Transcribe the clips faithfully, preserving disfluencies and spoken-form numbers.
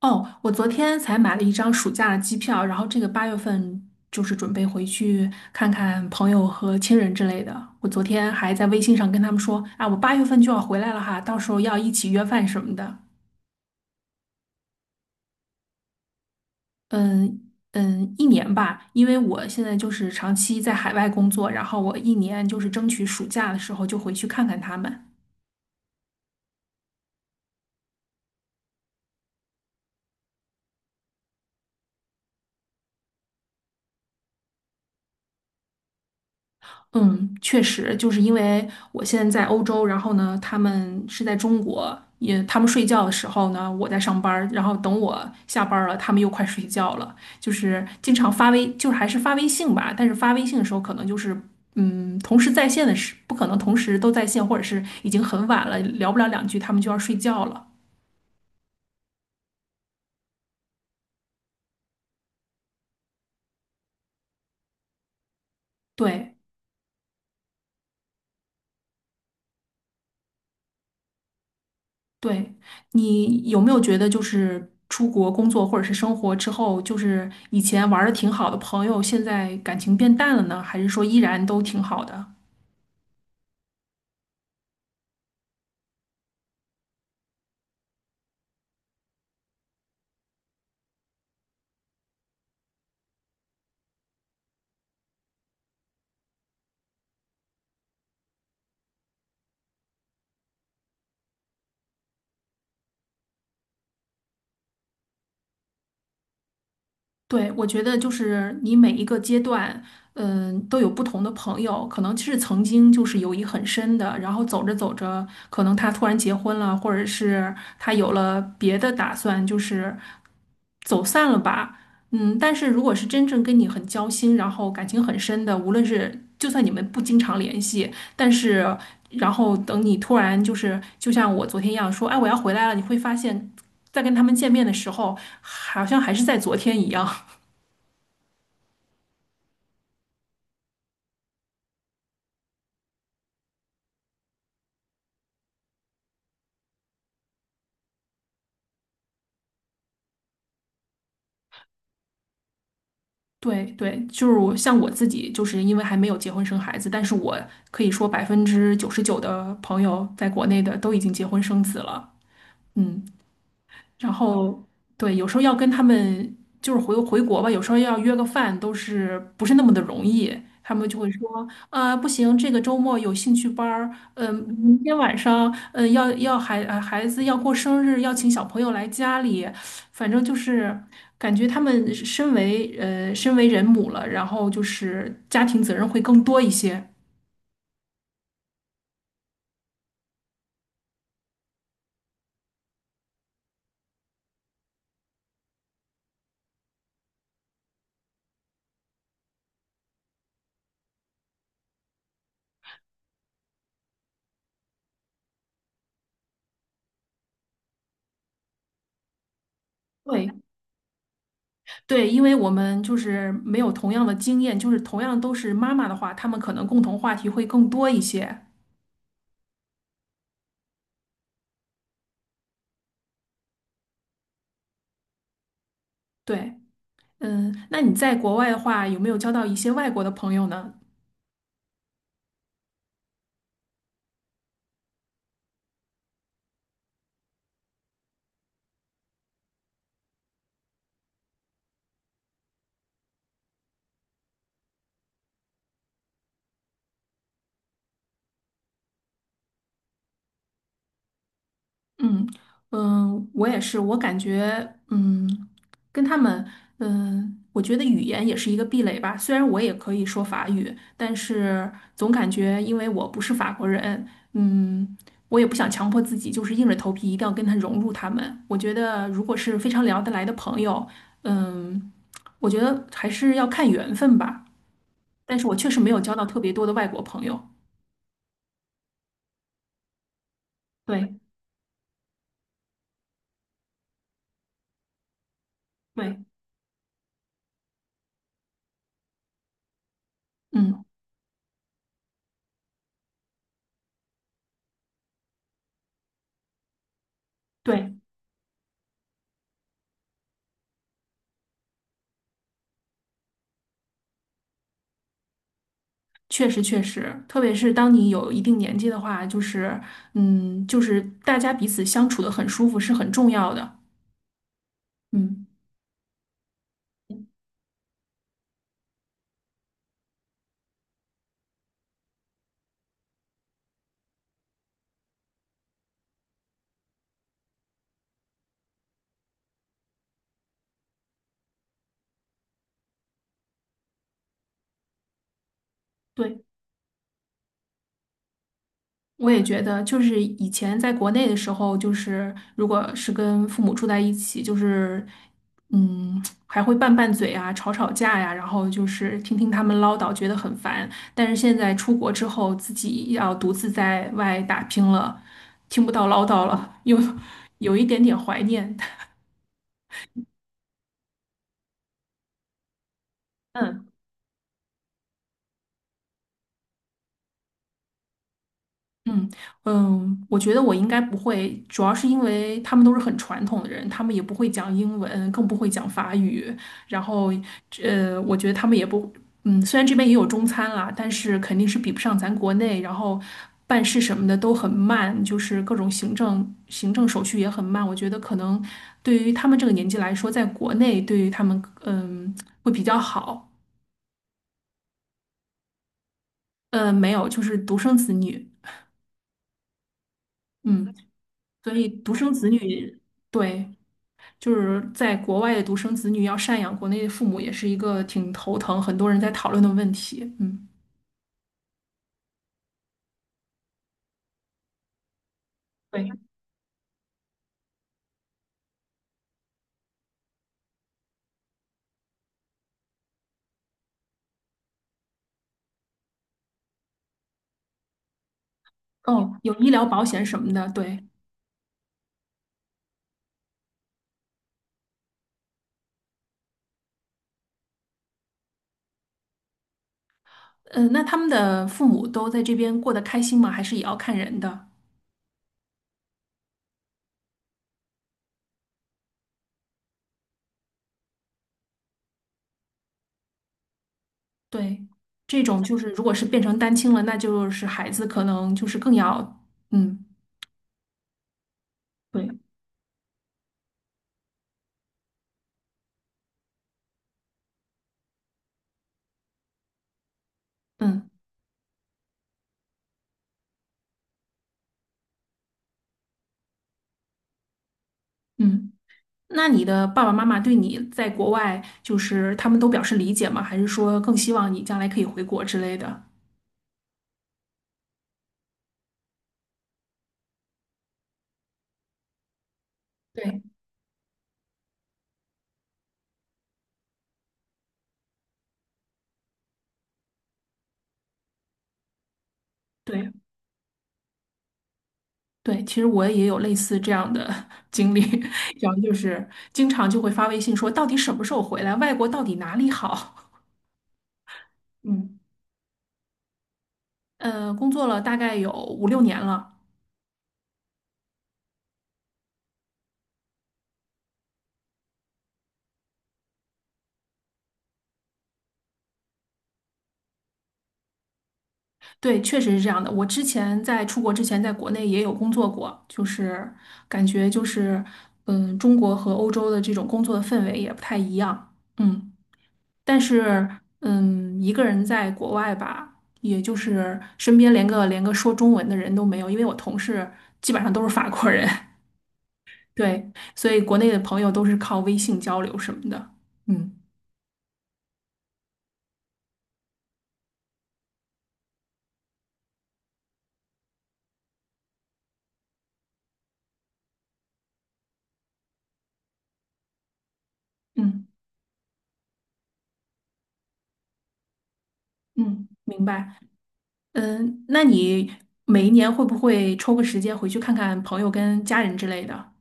哦，我昨天才买了一张暑假的机票，然后这个八月份就是准备回去看看朋友和亲人之类的。我昨天还在微信上跟他们说，啊，我八月份就要回来了哈，到时候要一起约饭什么的。嗯嗯，一年吧，因为我现在就是长期在海外工作，然后我一年就是争取暑假的时候就回去看看他们。嗯，确实，就是因为我现在在欧洲，然后呢，他们是在中国，也他们睡觉的时候呢，我在上班儿然后等我下班儿了，他们又快睡觉了，就是经常发微，就是还是发微信吧，但是发微信的时候可能就是，嗯，同时在线的时，不可能同时都在线，或者是已经很晚了，聊不了两句，他们就要睡觉了。对。对，你有没有觉得，就是出国工作或者是生活之后，就是以前玩的挺好的朋友，现在感情变淡了呢？还是说依然都挺好的？对，我觉得就是你每一个阶段，嗯，都有不同的朋友，可能是曾经就是友谊很深的，然后走着走着，可能他突然结婚了，或者是他有了别的打算，就是走散了吧。嗯，但是如果是真正跟你很交心，然后感情很深的，无论是就算你们不经常联系，但是然后等你突然就是就像我昨天一样说，哎，我要回来了，你会发现。在跟他们见面的时候，好像还是在昨天一样。对对，就是我像我自己，就是因为还没有结婚生孩子，但是我可以说百分之九十九的朋友在国内的都已经结婚生子了。嗯。然后对，有时候要跟他们就是回回国吧，有时候要约个饭都是不是那么的容易。他们就会说，啊、不行，这个周末有兴趣班儿，嗯、明天晚上，嗯、要要孩呃孩子要过生日，要请小朋友来家里，反正就是感觉他们身为呃身为人母了，然后就是家庭责任会更多一些。对，对，因为我们就是没有同样的经验，就是同样都是妈妈的话，他们可能共同话题会更多一些。对，嗯，那你在国外的话，有没有交到一些外国的朋友呢？嗯嗯，我也是，我感觉嗯，跟他们嗯，我觉得语言也是一个壁垒吧。虽然我也可以说法语，但是总感觉因为我不是法国人，嗯，我也不想强迫自己，就是硬着头皮一定要跟他融入他们。我觉得如果是非常聊得来的朋友，嗯，我觉得还是要看缘分吧。但是我确实没有交到特别多的外国朋友。对对，嗯，对。确实，确实，特别是当你有一定年纪的话，就是，嗯，就是大家彼此相处的很舒服是很重要的。嗯，对，我也觉得，就是以前在国内的时候，就是如果是跟父母住在一起，就是，嗯，还会拌拌嘴啊，吵吵架呀、然后就是听听他们唠叨，觉得很烦。但是现在出国之后，自己要独自在外打拼了，听不到唠叨了，又有一点点怀念。嗯。嗯嗯，我觉得我应该不会，主要是因为他们都是很传统的人，他们也不会讲英文，更不会讲法语。然后，呃，我觉得他们也不，嗯，虽然这边也有中餐啦，但是肯定是比不上咱国内。然后办事什么的都很慢，就是各种行政行政手续也很慢。我觉得可能对于他们这个年纪来说，在国内对于他们，嗯，会比较好。呃，没有，就是独生子女，嗯。所以独生子女，对，就是在国外的独生子女要赡养国内的父母，也是一个挺头疼，很多人在讨论的问题。嗯，对，哦，有医疗保险什么的，对，嗯、那他们的父母都在这边过得开心吗？还是也要看人的？对，这种就是如果是变成单亲了，那就是孩子可能就是更要，嗯，对，嗯嗯。那你的爸爸妈妈对你在国外，就是他们都表示理解吗？还是说更希望你将来可以回国之类的？对，对对，其实我也有类似这样的 经历，然后就是经常就会发微信说，到底什么时候回来？外国到底哪里好？嗯，呃，工作了大概有五六年了，对，确实是这样的。我之前在出国之前，在国内也有工作过，就是感觉就是，嗯，中国和欧洲的这种工作的氛围也不太一样。嗯。但是，嗯，一个人在国外吧，也就是身边连个连个说中文的人都没有，因为我同事基本上都是法国人，对，所以国内的朋友都是靠微信交流什么的。嗯嗯嗯，明白。嗯，那你每一年会不会抽个时间回去看看朋友跟家人之类的？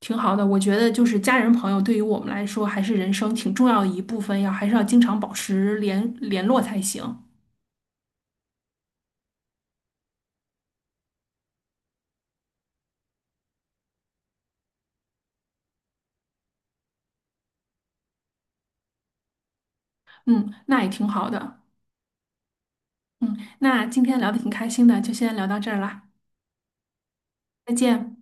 挺好的，我觉得就是家人朋友对于我们来说还是人生挺重要的一部分，要还是要经常保持联联络才行。嗯，那也挺好的。嗯，那今天聊的挺开心的，就先聊到这儿啦，再见。